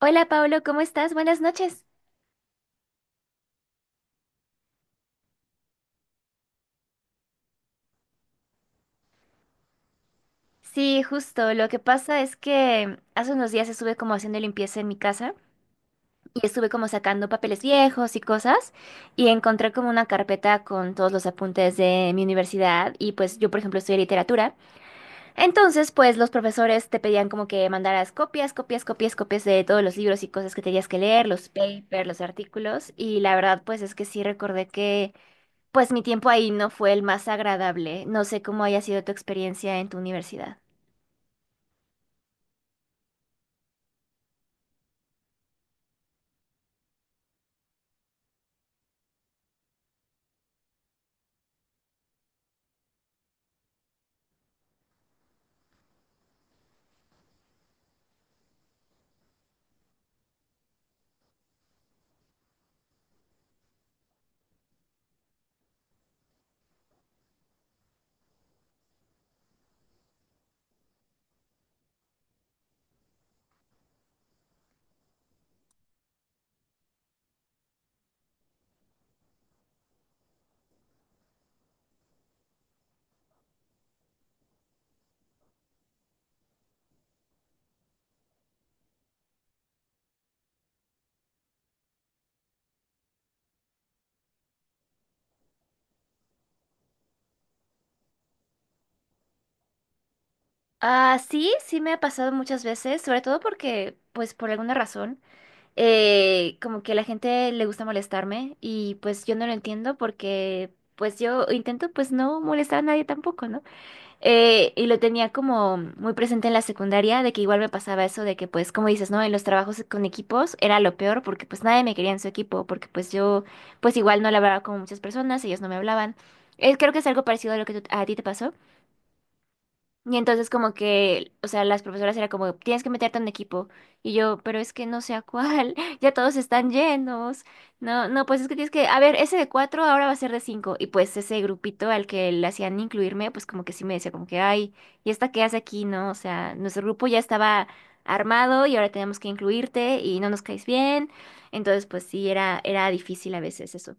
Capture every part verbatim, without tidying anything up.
Hola Pablo, ¿cómo estás? Buenas noches. Sí, justo. Lo que pasa es que hace unos días estuve como haciendo limpieza en mi casa y estuve como sacando papeles viejos y cosas y encontré como una carpeta con todos los apuntes de mi universidad y pues yo, por ejemplo, estudié literatura. Entonces pues los profesores te pedían como que mandaras copias, copias, copias, copias de todos los libros y cosas que tenías que leer, los papers, los artículos, y la verdad pues es que sí recordé que pues mi tiempo ahí no fue el más agradable. No sé cómo haya sido tu experiencia en tu universidad. Ah, sí, sí me ha pasado muchas veces, sobre todo porque, pues por alguna razón, eh, como que a la gente le gusta molestarme y pues yo no lo entiendo porque pues yo intento pues no molestar a nadie tampoco, ¿no? Eh, y lo tenía como muy presente en la secundaria, de que igual me pasaba eso, de que pues, como dices, ¿no? En los trabajos con equipos era lo peor porque pues nadie me quería en su equipo, porque pues yo pues igual no le hablaba con muchas personas, ellos no me hablaban. Eh, creo que es algo parecido a lo que tú- a ti te pasó. Y entonces como que, o sea, las profesoras era como, tienes que meterte en un equipo. Y yo, pero es que no sé a cuál, ya todos están llenos. No, no, pues es que tienes que, a ver, ese de cuatro ahora va a ser de cinco. Y pues ese grupito al que le hacían incluirme, pues como que sí me decía como que, ay, ¿y esta qué hace aquí? No, o sea, nuestro grupo ya estaba armado y ahora tenemos que incluirte y no nos caes bien. Entonces, pues sí, era, era difícil a veces eso.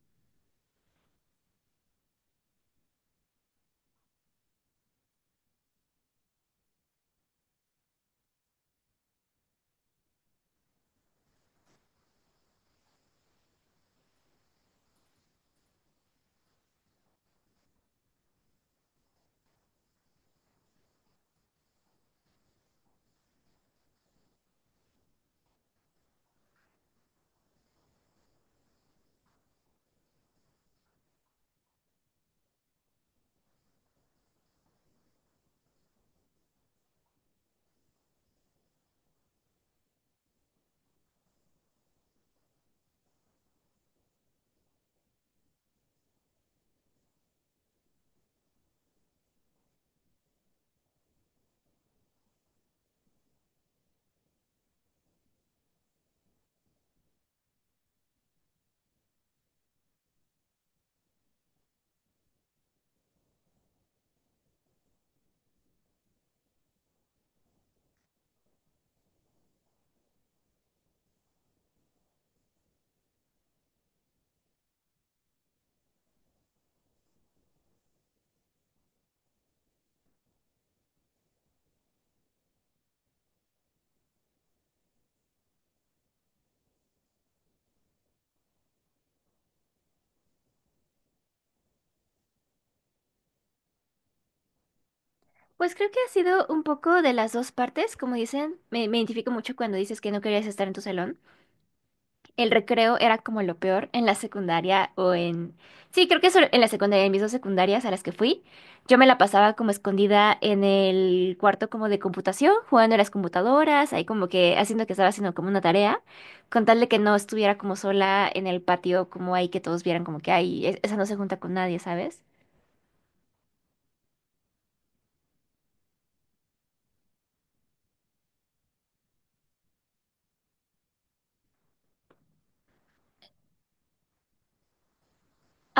Pues creo que ha sido un poco de las dos partes. Como dicen, me, me identifico mucho cuando dices que no querías estar en tu salón. El recreo era como lo peor en la secundaria o en… Sí, creo que solo en la secundaria, en mis dos secundarias a las que fui, yo me la pasaba como escondida en el cuarto como de computación, jugando a las computadoras, ahí como que haciendo que estaba haciendo como una tarea, con tal de que no estuviera como sola en el patio, como ahí que todos vieran como que, ay, e- esa no se junta con nadie, ¿sabes?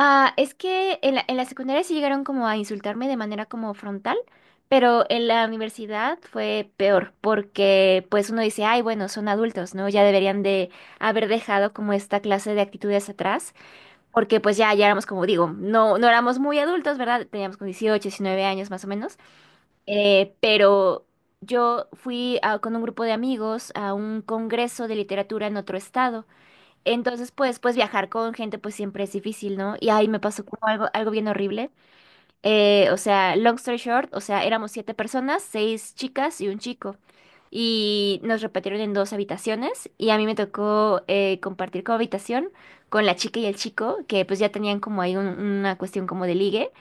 Ah, es que en la, en la secundaria sí llegaron como a insultarme de manera como frontal, pero en la universidad fue peor, porque pues uno dice, ay, bueno, son adultos, ¿no? Ya deberían de haber dejado como esta clase de actitudes atrás, porque pues ya, ya éramos, como digo, no, no éramos muy adultos, ¿verdad? Teníamos como dieciocho diecinueve años más o menos, eh, pero yo fui a- con un grupo de amigos a un congreso de literatura en otro estado. Entonces, pues, pues viajar con gente pues siempre es difícil, ¿no? Y ahí me pasó como algo, algo bien horrible. Eh, o sea, long story short, o sea, éramos siete personas, seis chicas y un chico. Y nos repartieron en dos habitaciones y a mí me tocó eh, compartir como habitación con la chica y el chico, que pues ya tenían como ahí un- una cuestión como de ligue.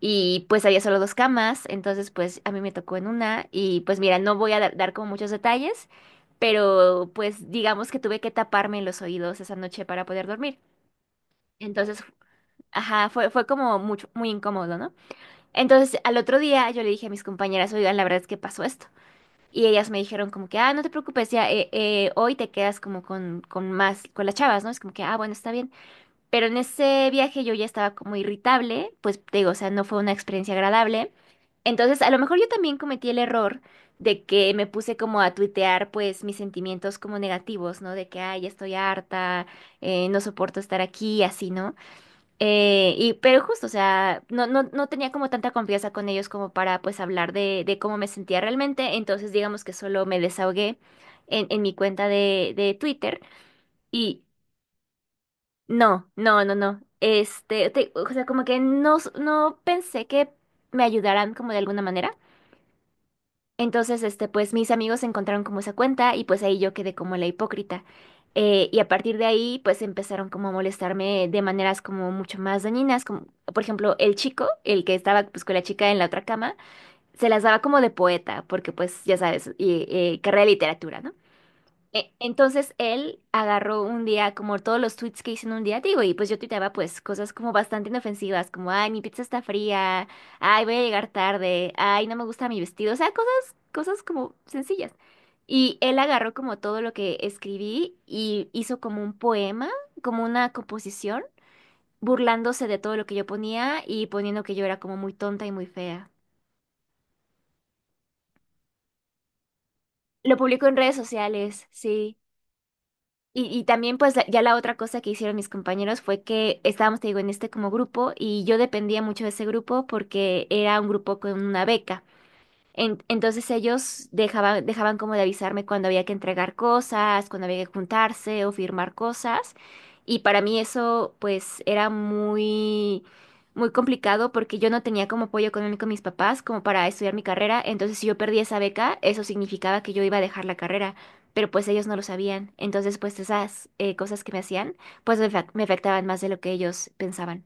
Y pues había solo dos camas, entonces pues a mí me tocó en una y pues mira, no voy a dar, dar como muchos detalles, pero pues digamos que tuve que taparme los oídos esa noche para poder dormir. Entonces, ajá, fue, fue como mucho, muy incómodo, ¿no? Entonces, al otro día yo le dije a mis compañeras, oigan, la verdad es que pasó esto. Y ellas me dijeron como que, ah, no te preocupes, ya eh, eh, hoy te quedas como con, con más, con las chavas, ¿no? Es como que, ah, bueno, está bien. Pero en ese viaje yo ya estaba como irritable, pues te digo, o sea, no fue una experiencia agradable. Entonces, a lo mejor yo también cometí el error de que me puse como a tuitear pues mis sentimientos como negativos, ¿no? De que, ay, ya estoy harta, eh, no soporto estar aquí, así, ¿no? Eh, y, pero justo, o sea, no, no, no tenía como tanta confianza con ellos como para pues hablar de, de cómo me sentía realmente, entonces digamos que solo me desahogué en, en mi cuenta de, de Twitter y no, no, no, no. Este, te- o sea, como que no, no pensé que me ayudaran como de alguna manera. Entonces, este, pues mis amigos encontraron como esa cuenta y pues ahí yo quedé como la hipócrita. Eh, y a partir de ahí, pues empezaron como a molestarme de maneras como mucho más dañinas, como por ejemplo el chico, el que estaba pues con la chica en la otra cama, se las daba como de poeta, porque pues ya sabes, y, eh, carrera de literatura, ¿no? E- Entonces él agarró un día como todos los tweets que hice en un día, digo, y pues yo tuiteaba pues cosas como bastante inofensivas, como, ay, mi pizza está fría, ay, voy a llegar tarde, ay, no me gusta mi vestido, o sea, cosas, cosas como sencillas. Y él agarró como todo lo que escribí y hizo como un poema, como una composición, burlándose de todo lo que yo ponía y poniendo que yo era como muy tonta y muy fea. Lo publicó en redes sociales, sí. Y, y también pues la- ya la otra cosa que hicieron mis compañeros fue que estábamos, te digo, en este como grupo y yo dependía mucho de ese grupo porque era un grupo con una beca. En- entonces ellos dejaban, dejaban como de avisarme cuando había que entregar cosas, cuando había que juntarse o firmar cosas. Y para mí eso pues era muy, muy complicado porque yo no tenía como apoyo económico de mis papás como para estudiar mi carrera. Entonces si yo perdía esa beca, eso significaba que yo iba a dejar la carrera, pero pues ellos no lo sabían. Entonces pues esas eh, cosas que me hacían pues me, fa- me afectaban más de lo que ellos pensaban.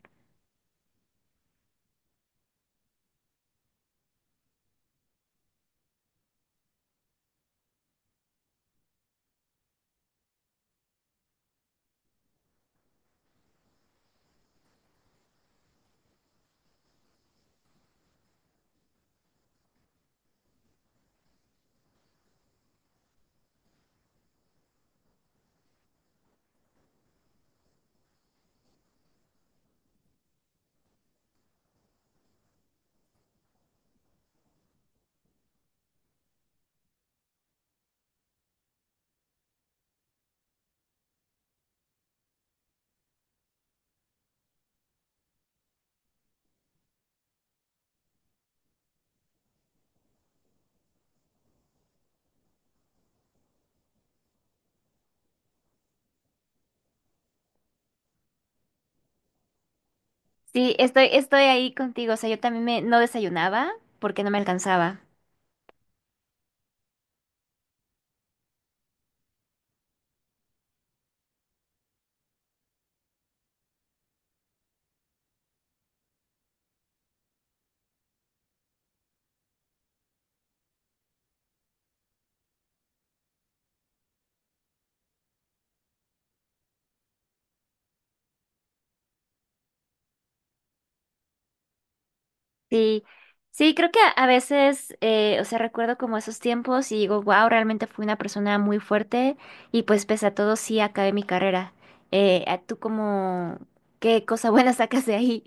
Sí, estoy, estoy ahí contigo. O sea, yo también me, no desayunaba porque no me alcanzaba. Sí, sí, creo que a a veces, eh, o sea, recuerdo como esos tiempos y digo, wow, realmente fui una persona muy fuerte y pues pese a todo sí acabé mi carrera. Eh, ¿a ¿Tú como qué cosa buena sacas de ahí?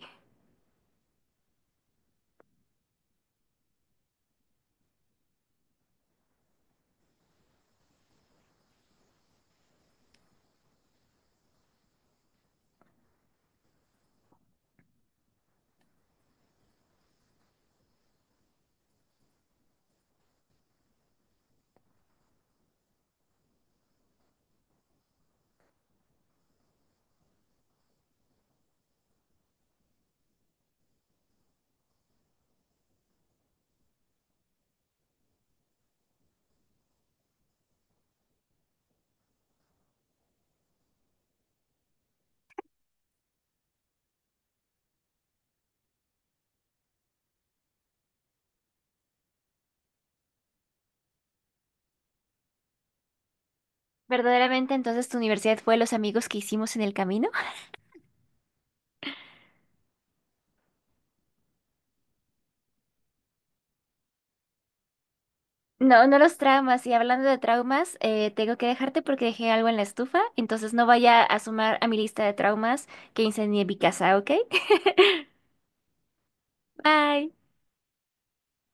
¿Verdaderamente entonces tu universidad fue los amigos que hicimos en el camino? No, no los traumas. Y hablando de traumas, eh, tengo que dejarte porque dejé algo en la estufa, entonces no vaya a sumar a mi lista de traumas que incendié mi casa, ¿ok? Bye.